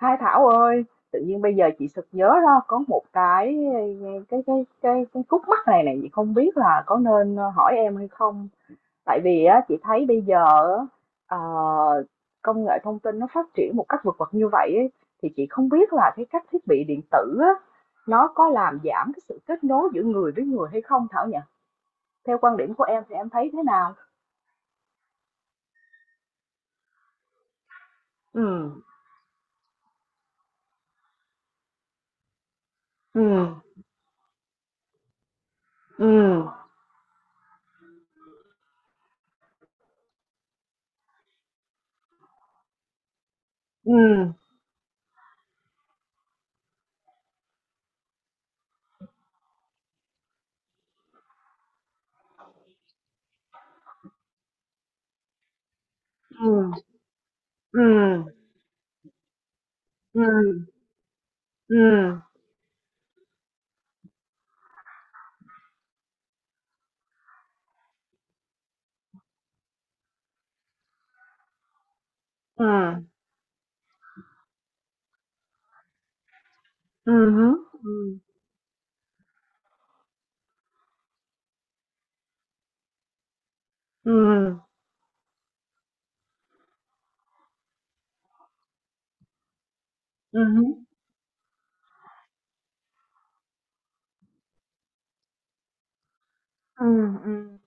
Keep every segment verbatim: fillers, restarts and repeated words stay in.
Hai Thảo ơi, tự nhiên bây giờ chị sực nhớ ra có một cái cái cái cái cái khúc mắc này này chị không biết là có nên hỏi em hay không. Tại vì á chị thấy bây giờ á, ờ, công nghệ thông tin nó phát triển một cách vượt bậc như vậy ấy, thì chị không biết là cái các thiết bị điện tử á nó có làm giảm cái sự kết nối giữa người với người hay không Thảo nhỉ? Theo quan điểm của em thì em thấy thế nào? Ừ, ừ, ừ, ừ, ừ, ừ, ừ, ừ, ừ. Ừm hứm, ừm, ừm, ừm hứm, ừm, ừm,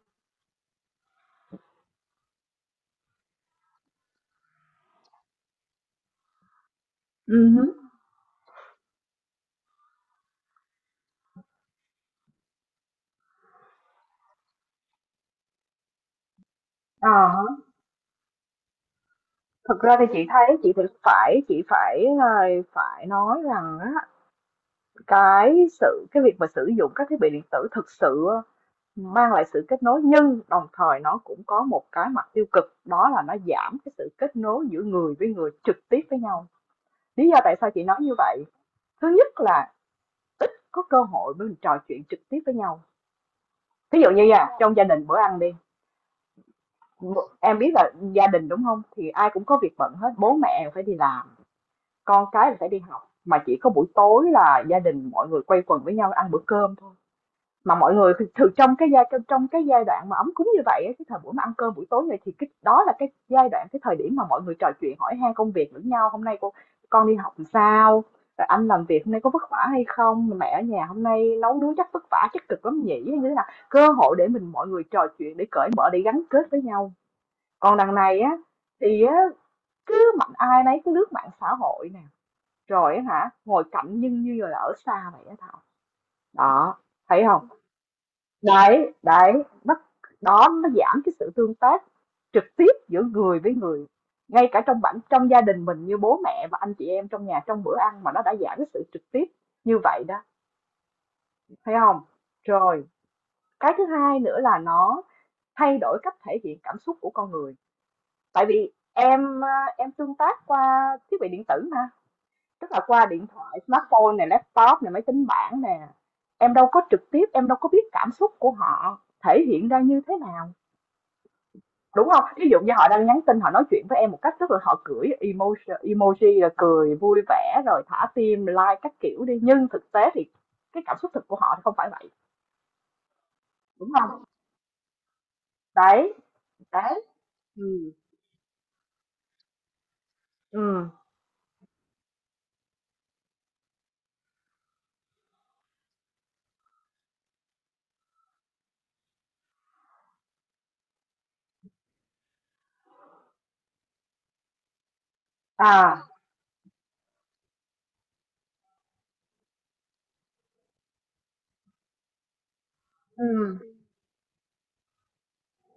ừm hứm. Ờ, thực ra thì chị thấy chị thì phải chị phải, ờ, phải nói rằng á, cái sự cái việc mà sử dụng các thiết bị điện tử thực sự mang lại sự kết nối, nhưng đồng thời nó cũng có một cái mặt tiêu cực, đó là nó giảm cái sự kết nối giữa người với người trực tiếp với nhau. Lý do tại sao chị nói như vậy? Thứ nhất là ít có cơ hội để mình trò chuyện trực tiếp với nhau. Thí dụ như nha, trong gia đình bữa ăn đi, em biết là gia đình đúng không, thì ai cũng có việc bận hết, bố mẹ phải đi làm, con cái thì phải đi học, mà chỉ có buổi tối là gia đình mọi người quây quần với nhau ăn bữa cơm thôi. Mà mọi người thường trong cái giai trong cái giai đoạn mà ấm cúng như vậy á, cái thời buổi mà ăn cơm buổi tối này, thì cái đó là cái giai đoạn, cái thời điểm mà mọi người trò chuyện hỏi han công việc lẫn nhau. Hôm nay cô con đi học làm sao, rồi anh làm việc hôm nay có vất vả hay không, mẹ ở nhà hôm nay nấu nướng chắc vất vả chắc cực lắm nhỉ, như thế nào, cơ hội để mình, mọi người trò chuyện để cởi mở để gắn kết với nhau. Còn đằng này á thì á, cứ mạnh ai nấy cứ lướt mạng xã hội nè, rồi á hả, ngồi cạnh nhưng như là ở xa vậy á Thảo. Đó, thấy không? Đấy, đấy, nó, đó, nó giảm cái sự tương tác trực tiếp giữa người với người. Ngay cả trong bản trong gia đình mình, như bố mẹ và anh chị em trong nhà, trong bữa ăn mà nó đã giảm cái sự trực tiếp như vậy đó, thấy không? Rồi, cái thứ hai nữa là nó thay đổi cách thể hiện cảm xúc của con người. Tại vì em à, em tương tác qua thiết bị điện tử mà, tức là qua điện thoại smartphone này, laptop này, máy tính bảng nè, em đâu có trực tiếp, em đâu có biết cảm xúc của họ thể hiện ra như thế nào, đúng không? Ví dụ như họ đang nhắn tin, họ nói chuyện với em một cách rất là, họ gửi emoji, emoji là cười vui vẻ rồi thả tim like các kiểu đi, nhưng thực tế thì cái cảm xúc thực của họ thì không phải vậy, đúng không? Đấy, đấy, ừ, ừ, à, ừ,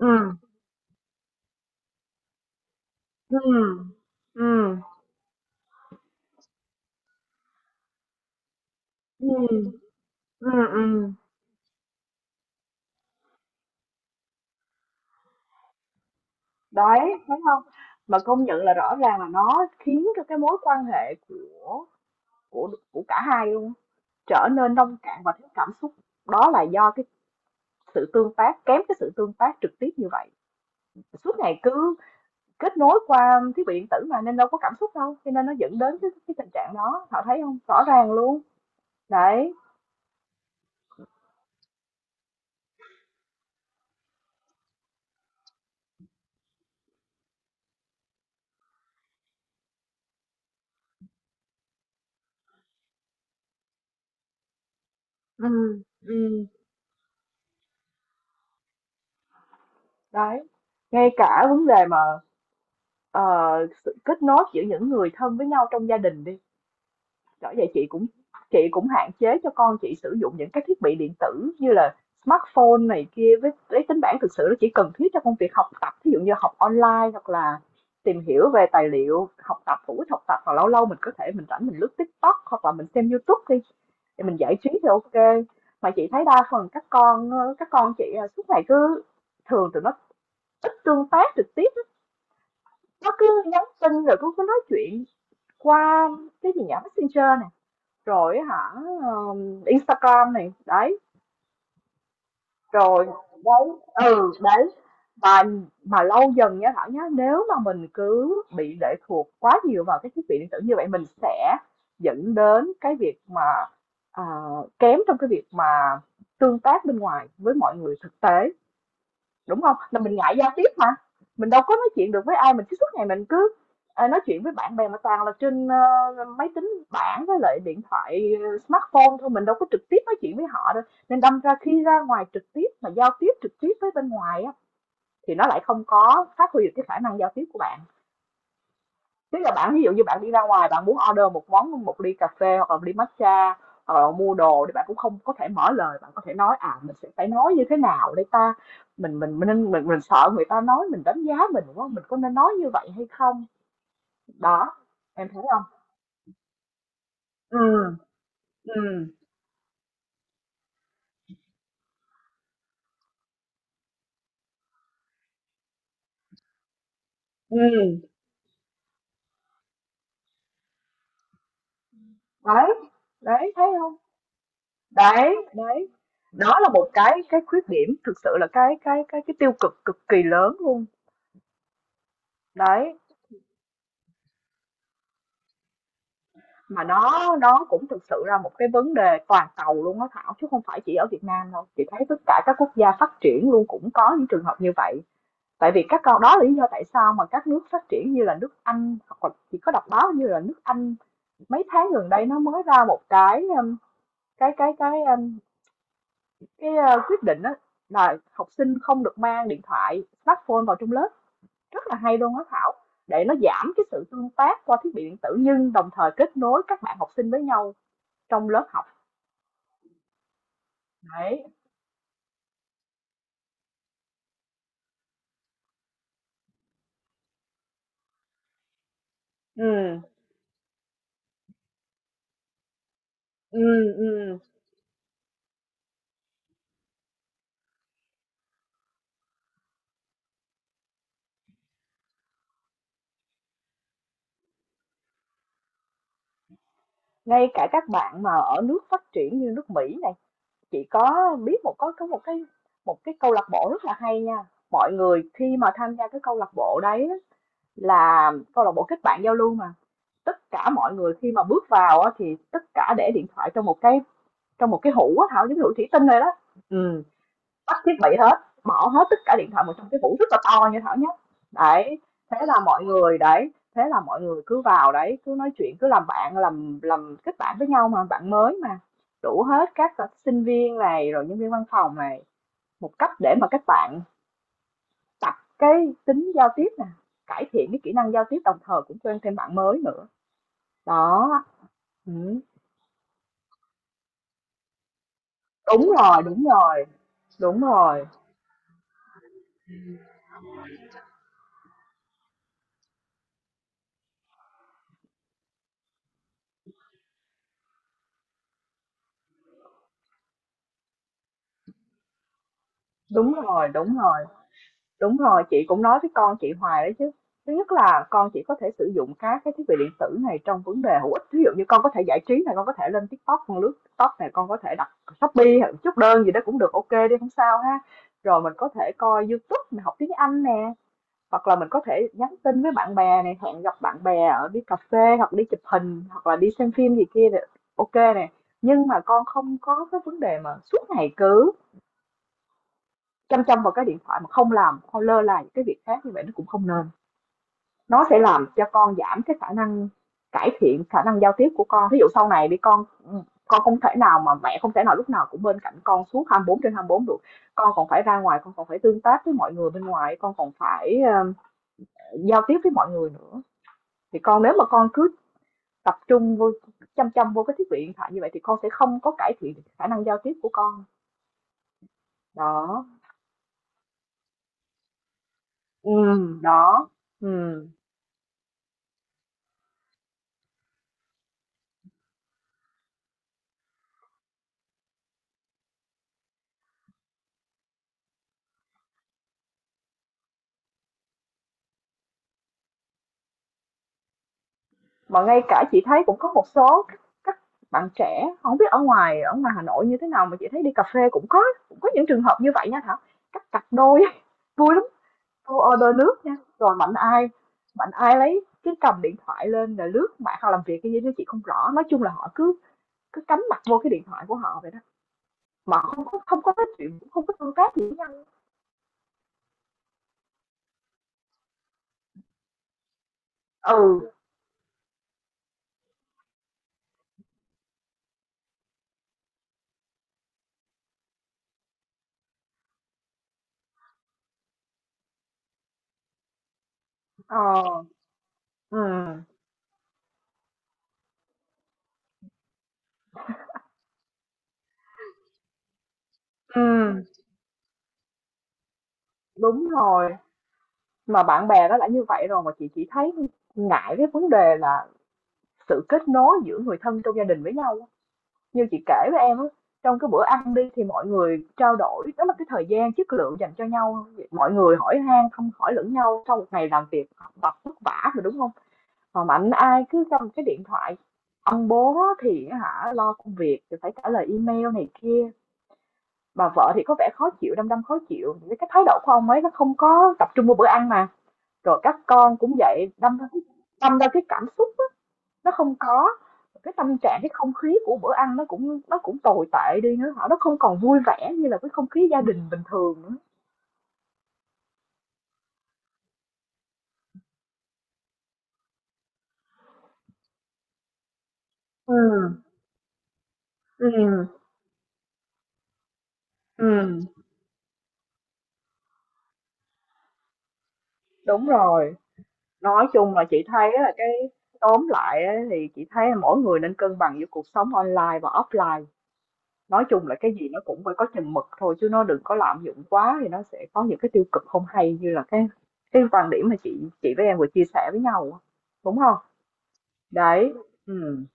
ừ, ừ, ừ, ừ, ừ, ừ, ừ. Đấy, thấy không, mà công nhận là rõ ràng là nó khiến cho cái mối quan hệ của của của cả hai luôn trở nên nông cạn và thiếu cảm xúc. Đó là do cái sự tương tác kém, cái sự tương tác trực tiếp như vậy, suốt ngày cứ kết nối qua thiết bị điện tử mà, nên đâu có cảm xúc đâu, cho nên nó dẫn đến cái, cái tình trạng đó, họ thấy không, rõ ràng luôn. Đấy, ừ, ừ. Đấy, ngay cả vấn đề mà, ờ, sự kết nối giữa những người thân với nhau trong gia đình đi. Bởi vậy chị cũng, chị cũng hạn chế cho con chị sử dụng những cái thiết bị điện tử như là smartphone này kia với lấy tính bảng. Thực sự nó chỉ cần thiết cho công việc học tập, ví dụ như học online hoặc là tìm hiểu về tài liệu học tập hữu ích, học tập, hoặc lâu lâu mình có thể, mình rảnh mình lướt TikTok hoặc là mình xem YouTube đi, thì mình giải trí thì ok. Mà chị thấy đa phần các con, các con chị à, suốt ngày cứ, thường tụi nó ít tương tác trực tiếp, nó cứ nhắn tin rồi cứ, cứ nói chuyện qua, cái gì nhỉ, messenger nè, rồi hả, ờm, Instagram này, đấy, rồi, đấy, ừ, đấy. Và mà lâu dần nha Thảo nhá, nếu mà mình cứ bị lệ thuộc quá nhiều vào cái thiết bị điện tử như vậy, mình sẽ dẫn đến cái việc mà, ờ, kém trong cái việc mà tương tác bên ngoài với mọi người thực tế. Đúng không? Là mình ngại giao tiếp mà, mình đâu có nói chuyện được với ai, mình cứ suốt ngày mình cứ, ờ, nói chuyện với bạn bè mà toàn là trên, ơ, máy tính bảng với lại điện thoại, ờ, smartphone thôi, mình đâu có trực tiếp nói chuyện với họ đâu. Nên đâm ra khi ra ngoài trực tiếp mà giao tiếp trực tiếp với bên ngoài á, thì nó lại không có phát huy được cái khả năng giao tiếp của bạn. Tức là bạn, ví dụ như bạn đi ra ngoài bạn muốn order một món, một ly cà phê hoặc là một ly matcha hoặc là mua đồ, thì bạn cũng không có thể mở lời, bạn có thể nói à mình sẽ phải nói như thế nào để ta, mình mình mình mình, mình, mình sợ người ta nói mình, đánh giá mình, đúng không, mình có nên nói như vậy hay không. Đó, em thấy không, ừ, ừ, ừ, đấy, đấy, thấy không, đấy, đấy. Đó là một cái cái khuyết điểm, thực sự là cái cái cái cái tiêu cực cực kỳ lớn luôn. Đấy. Mà nó nó cũng thực sự là một cái vấn đề toàn cầu luôn á Thảo, chứ không phải chỉ ở Việt Nam đâu. Chị thấy tất cả các quốc gia phát triển luôn cũng có những trường hợp như vậy. Tại vì các con, đó là lý do tại sao mà các nước phát triển như là nước Anh, hoặc là chỉ có đọc báo như là nước Anh, mấy tháng gần đây nó mới ra một cái, um, cái cái cái um, cái ờ, quyết định á, là học sinh không được mang điện thoại smartphone vào trong lớp. Rất là hay luôn á Thảo, để nó giảm cái sự tương tác qua thiết bị điện tử, nhưng đồng thời kết nối các bạn học sinh với nhau trong lớp học. Đấy. Ừm, ừm, ừm. Ngay cả các bạn mà ở nước phát triển như nước Mỹ này, chị có biết một có có một cái một cái câu lạc bộ rất là hay nha. Mọi người khi mà tham gia cái câu lạc bộ đấy á, là câu lạc bộ kết bạn giao lưu mà. Tất cả mọi người khi mà bước vào á, thì tất cả để điện thoại trong một cái, trong một cái hũ á Thảo, giống như hũ thủy tinh rồi đó. Ừm. Tắt thiết bị hết, bỏ hết tất cả điện thoại vào trong cái hũ rất là to như Thảo nhá. Đấy, thế là mọi người, đấy, thế là mọi người cứ vào đấy, cứ nói chuyện, cứ làm bạn, làm làm kết bạn với nhau mà, bạn mới mà. Đủ hết các à, sinh viên này, rồi nhân viên văn phòng này, một cách để mà các bạn tập cái tính giao tiếp nè, cải thiện cái kỹ năng giao tiếp, đồng thời cũng quen thêm bạn mới nữa. Đó, ừ. Đúng rồi, đúng rồi, đúng rồi, đúng rồi, đúng rồi. Đúng rồi, chị cũng nói với con chị hoài đấy chứ. Thứ nhất là con chị có thể sử dụng các cái thiết bị điện tử này trong vấn đề hữu ích. Ví dụ như con có thể giải trí này, con có thể lên TikTok, con lướt TikTok này, con có thể đặt Shopee hoặc chút đơn gì đó cũng được, ok đi không sao ha. Rồi mình có thể coi YouTube, mình học tiếng Anh nè, hoặc là mình có thể nhắn tin với bạn bè này, hẹn gặp bạn bè ở, đi cà phê hoặc đi chụp hình hoặc là đi xem phim gì kia này, ok nè. Nhưng mà con không có cái vấn đề mà suốt ngày cứ chăm chăm vào cái điện thoại, mà không làm, không lơ là những cái việc khác, như vậy nó cũng không nên. Nó sẽ làm cho con giảm cái khả năng, cải thiện khả năng giao tiếp của con. Ví dụ sau này đi con con không thể nào mà, mẹ không thể nào lúc nào cũng bên cạnh con suốt hai mươi bốn trên hai mươi bốn được. Con còn phải ra ngoài, con còn phải tương tác với mọi người bên ngoài, con còn phải, ờ, giao tiếp với mọi người nữa. Thì con, nếu mà con cứ tập trung vô, chăm chăm vô cái thiết bị điện thoại như vậy, thì con sẽ không có cải thiện khả năng giao tiếp của con. Đó, ừ, đó, ừ. Mà ngay cả chị thấy cũng có một số các, các bạn trẻ, không biết ở ngoài, ở ngoài Hà Nội như thế nào, mà chị thấy đi cà phê cũng có, cũng có những trường hợp như vậy nha Thảo, các cặp đôi vui lắm. Cô order nước nha, rồi mạnh ai mạnh ai lấy cái cầm điện thoại lên là lướt mạng, họ làm việc cái gì đó chị không rõ, nói chung là họ cứ cứ cắm mặt vô cái điện thoại của họ vậy đó, mà không có, không có nói chuyện, cũng không có tương tác gì với nhau. Ừ, ờ, ừ, ừ, đúng rồi. Mà bạn bè nó đã như vậy rồi, mà chị chỉ thấy ngại cái vấn đề là sự kết nối giữa người thân trong gia đình với nhau. Như chị kể với em, trong cái bữa ăn đi thì mọi người trao đổi, đó là cái thời gian chất lượng dành cho nhau. Mọi người hỏi han, không hỏi lẫn nhau sau một ngày làm việc học tập vất vả rồi, đúng không? Mà mạnh ai cứ cầm cái điện thoại, ông bố thì hả, lo công việc thì phải trả lời email này kia, bà vợ thì có vẻ khó chịu, đăm đăm khó chịu cái thái độ của ông ấy, nó không có tập trung vào bữa ăn mà, rồi các con cũng vậy. Đâm ra, đâm ra cái cảm xúc nó không có, cái tâm trạng, cái không khí của bữa ăn nó cũng, nó cũng tồi tệ đi nữa, họ, nó không còn vui vẻ như là cái không khí gia đình bình thường nữa. Ừ, ừm, ừm. Đúng rồi, nói chung là chị thấy là cái, tóm lại á, thì chị thấy là mỗi người nên cân bằng giữa cuộc sống online và offline. Nói chung là cái gì nó cũng phải có chừng mực thôi, chứ nó đừng có lạm dụng quá thì nó sẽ có những cái tiêu cực không hay, như là cái cái quan điểm mà chị chị với em vừa chia sẻ với nhau á, đúng không? Đấy, ừm.